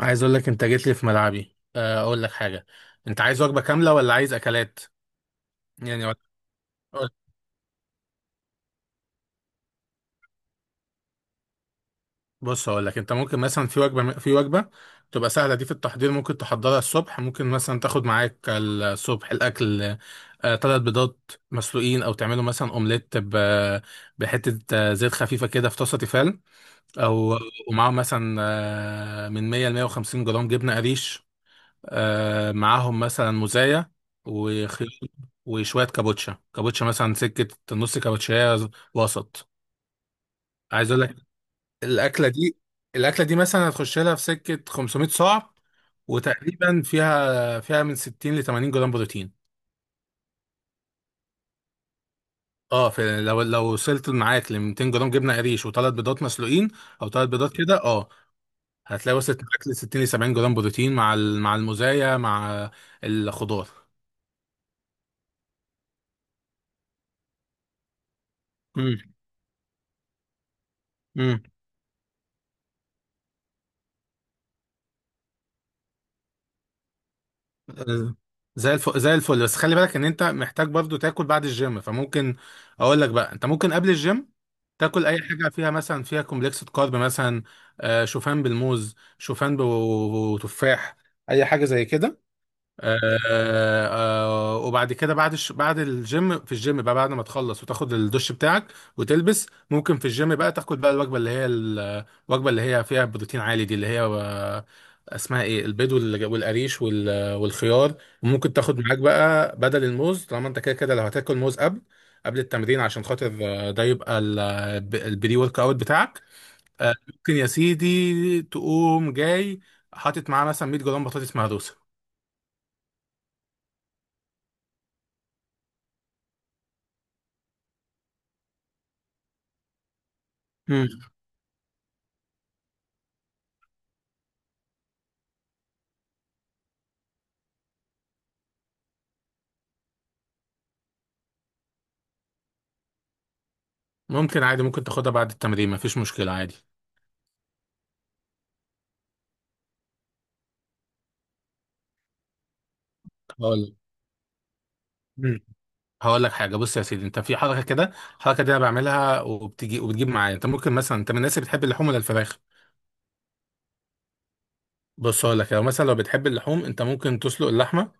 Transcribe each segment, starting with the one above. عايز اقول لك انت جيت لي في ملعبي، اقول لك حاجه. انت عايز وجبه كامله ولا عايز اكلات؟ يعني ولا- أقول- بص اقول لك، انت ممكن مثلا في وجبه تبقى سهله، دي في التحضير ممكن تحضرها الصبح، ممكن مثلا تاخد معاك الصبح الاكل ثلاث بيضات مسلوقين، او تعملوا مثلا اومليت بحته، زيت خفيفه كده في طاسه تيفال، او ومعاهم مثلا من 100 ل 150 جرام جبنه قريش، معاهم مثلا مزايا وخيار وشوية كابوتشا كابوتشا مثلا سكة نص كابوتشاية وسط عايز اقول لك الأكلة دي الأكلة دي مثلا هتخش لها في سكة 500 صاع وتقريبا فيها فيها من 60 ل 80 جرام بروتين اه في لو لو وصلت معاك ل 200 جرام جبنة قريش وثلاث بيضات مسلوقين او ثلاث بيضات كده اه هتلاقي وصلت معاك ل 60 ل 70 جرام بروتين مع ال- مع المزايا، مع الخضار. امم، آه، زي الفل زي الفل، بس خلي بالك ان انت محتاج برضو تاكل بعد الجيم، فممكن اقول لك بقى انت ممكن قبل الجيم تاكل اي حاجه فيها مثلا فيها كومبلكس كارب، مثلا شوفان بالموز، شوفان وتفاح، اي حاجه زي كده. وبعد كده بعد بعد الجيم، في الجيم بقى بعد ما تخلص وتاخد الدش بتاعك وتلبس، ممكن في الجيم بقى تاخد بقى الوجبه اللي هي الوجبه اللي هي فيها بروتين عالي دي، اللي هي اسمها ايه، البيض والقريش والخيار. وممكن تاخد معاك بقى بدل الموز، طالما انت كده كده لو هتاكل موز قبل قبل التمرين عشان خاطر آه، ده يبقى البري ورك اوت بتاعك. ممكن يا سيدي تقوم جاي حاطط معاه مثلا 100 جرام بطاطس مهروسه. ممكن عادي، ممكن تاخدها بعد التمرين مفيش مشكلة عادي. هقول مم. هقول لك حاجة. بص يا سيدي، انت في حركة كده، الحركة دي انا بعملها وبتجي وبتجيب معايا. انت ممكن مثلا، انت من الناس اللي بتحب اللحوم ولا الفراخ؟ بص هقول لك، لو مثلا لو بتحب اللحوم، انت ممكن تسلق اللحمة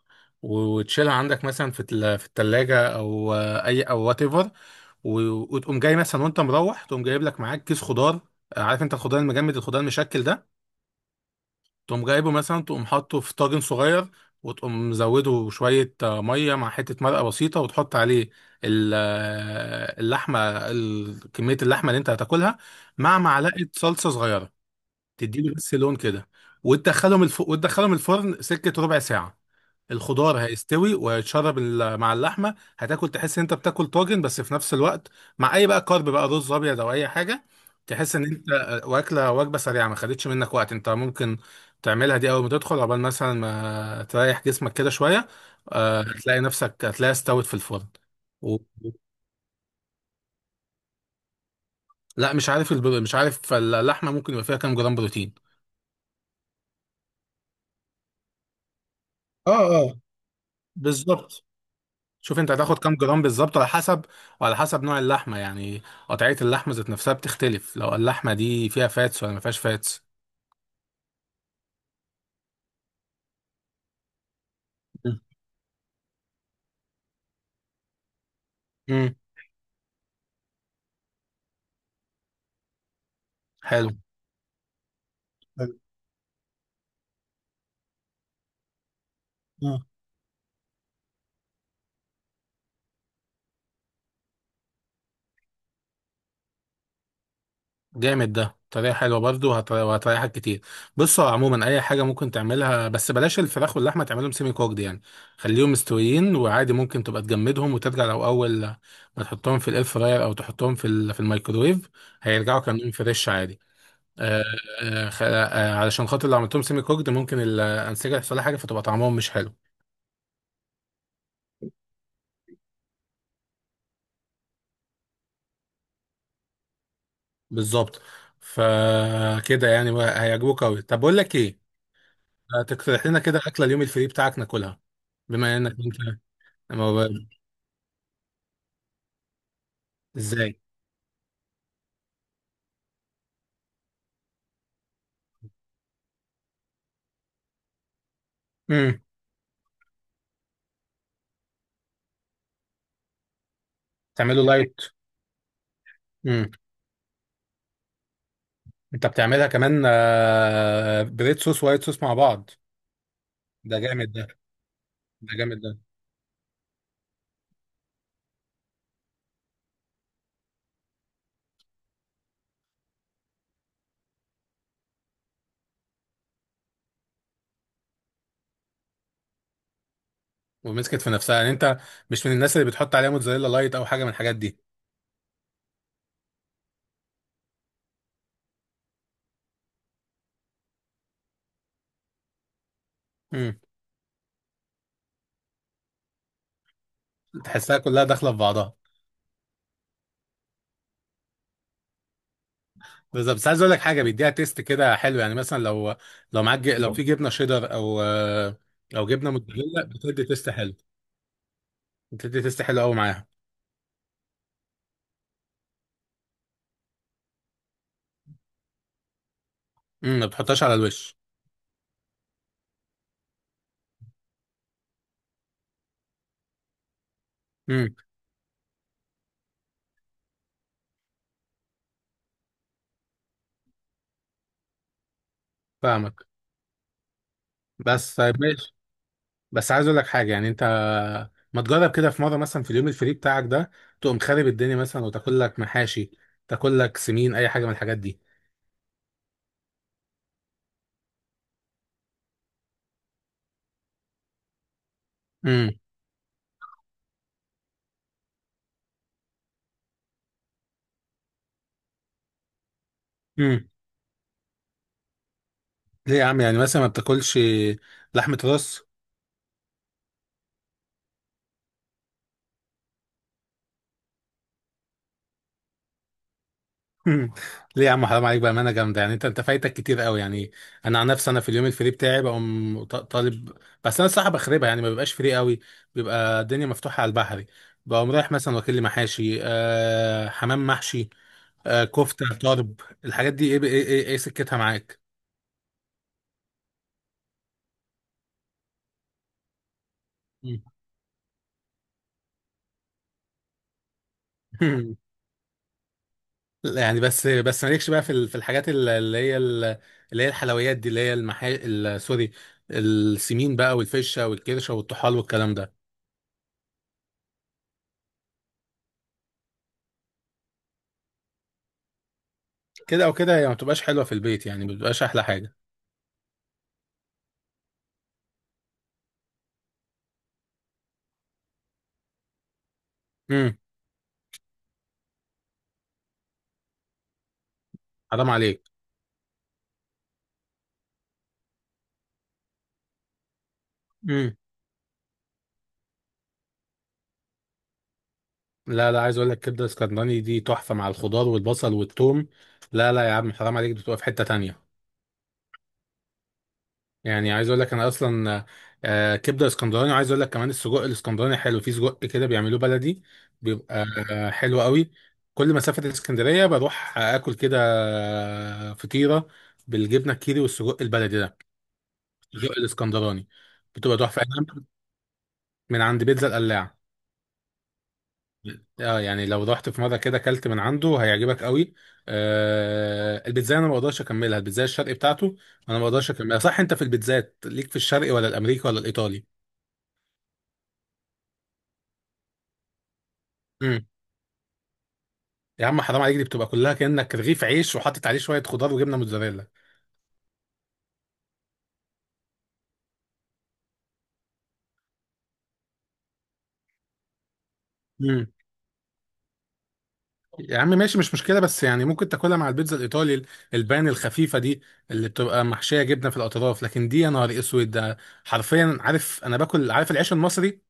وتشيلها عندك مثلا في في التلاجة او اي او وات ايفر، وتقوم جاي مثلا وانت مروح تقوم جايب لك معاك كيس خضار، عارف انت الخضار المجمد، الخضار المشكل ده، تقوم جايبه مثلا تقوم حاطه في طاجن صغير، وتقوم مزوده شوية مية مع حتة مرقة بسيطة، وتحط عليه اللحمة، كمية اللحمة اللي انت هتاكلها، مع معلقة صلصة صغيرة تديله بس لون كده، وتدخلهم وتدخلهم الفرن سكة ربع ساعة. الخضار هيستوي ويتشرب مع اللحمه، هتاكل تحس ان انت بتاكل طاجن، بس في نفس الوقت مع اي بقى كارب بقى، رز ابيض او اي حاجه. تحس ان انت واكله وجبه سريعه ما خدتش منك وقت. انت ممكن تعملها دي اول ما تدخل، عقبال مثلا ما تريح جسمك كده شويه، هتلاقي نفسك هتلاقيها استوت في الفرن. و... لا مش عارف مش عارف اللحمه ممكن يبقى فيها كام جرام بروتين. اه، اه، بالظبط. شوف انت هتاخد كام جرام بالظبط على حسب، وعلى حسب نوع اللحمه يعني. قطعيه اللحمه ذات نفسها بتختلف، لو اللحمه دي فيها فاتس ولا ما فيهاش فاتس. مم. امم. حلو. حلو. آه. جامد ده، طريقة حلوة برضه، وهتريحك كتير. بص هو عموما أي حاجة ممكن تعملها، بس بلاش الفراخ واللحمة تعملهم سيمي كوكد يعني. خليهم مستويين وعادي ممكن تبقى تجمدهم وترجع، لو أول ما تحطهم في الإير فراير أو تحطهم في في الميكرويف هيرجعوا كأنهم فريش عادي. آه، علشان خاطر لو عملتهم سيمي كوكد ممكن الانسجه يحصل لها حاجه، فتبقى طعمهم مش حلو. بالظبط، فكده يعني بقى هيعجبوك قوي. طب بقول لك ايه، تقترح لنا كده اكله اليوم الفري بتاعك ناكلها، بما انك انت. أما ب- ازاي؟ امم. تعمله لايت. امم. انت بتعملها كمان بريد صوص وايت صوص مع بعض؟ ده جامد ده. ده جامد ده. ومسكت في نفسها يعني. انت مش من الناس اللي بتحط عليها موتزاريلا لايت او حاجه من الحاجات دي؟ امم. تحسها كلها داخله في بعضها. بالظبط. بس عايز اقول لك حاجه، بيديها تيست كده حلو، يعني مثلا لو لو معاك لو في جبنه شيدر او او جبنه موتزاريلا بتدي تيست حلو، بتدي تيست حلو قوي معاها. امم. ما بتحطهاش على الوش؟ امم. فاهمك. بس طيب ماشي. بس عايز اقول لك حاجه، يعني انت ما تجرب كده في مره مثلا في اليوم الفري بتاعك ده، تقوم خارب الدنيا مثلا وتاكل لك محاشي، تاكل لك سمين، اي حاجه من الحاجات دي. امم. امم. ليه يا عم، يعني مثلا ما بتاكلش لحمه راس؟ مم. ليه يا عم، حرام عليك، بامانه جامده، يعني انت انت فايتك كتير قوي يعني انا عن نفسي انا في اليوم الفري بتاعي بقوم ط- طالب بس انا الصراحه بخربها يعني ما بيبقاش فري قوي، بيبقى الدنيا مفتوحه على البحري. بقوم رايح مثلا واكل لي محاشي، آه حمام محشي، آه كفته طرب، الحاجات دي، إيه سكتها معاك؟ مم. لا يعني، بس بس مالكش بقى في ال- في الحاجات اللي هي اللي هي الحلويات دي، اللي هي سوري، السمين بقى والفشه والكرشه والطحال والكلام ده؟ كده او كده هي ما بتبقاش حلوه في البيت يعني، ما بتبقاش احلى حاجه. امم. حرام عليك. امم. لا لا، عايز اقول لك كبده اسكندراني دي تحفه مع الخضار والبصل والثوم. لا لا يا عم، حرام عليك، بتبقى في حته تانية. يعني عايز اقول لك انا اصلا كبده اسكندراني، وعايز اقول لك كمان السجق الاسكندراني حلو. في سجق كده بيعملوه بلدي، بيبقى حلو قوي. كل مسافه اسكندريه بروح اكل كده فطيره بالجبنه الكيري والسجق البلدي ده، السجق الاسكندراني، بتبقى تحفه. أنا من عند بيتزا القلاع. اه يعني لو رحت في مره كده اكلت من عنده هيعجبك قوي. آه، البيتزا انا ما بقدرش اكملها، البيتزا الشرقي بتاعته انا ما بقدرش اكملها. صح انت في البيتزات ليك في الشرقي ولا الامريكي ولا الايطالي؟ امم. يا عم حرام عليك، دي بتبقى كلها كانك رغيف عيش وحاطط عليه شويه خضار وجبنه موتزاريلا. امم. يا عم ماشي مش مشكله، بس يعني ممكن تاكلها مع البيتزا الايطالي، البان الخفيفه دي اللي بتبقى محشيه جبنه في الاطراف، لكن دي يا نهار اسود ده. حرفيا، عارف انا باكل، عارف العيش المصري،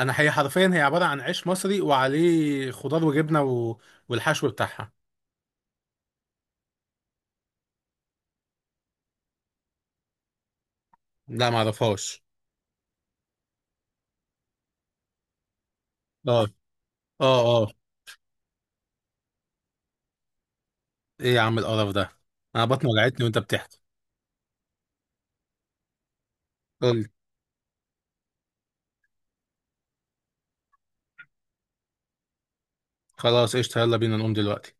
انا هي حرفيا هي عباره عن عيش مصري وعليه خضار وجبنه والحشو بتاعها. لا ما اعرفهاش. اه، اه، اه. ايه يا عم القرف ده، انا بطني وجعتني وانت بتحكي. قول لي. خلاص قشطه، يلا بينا نقوم دلوقتي.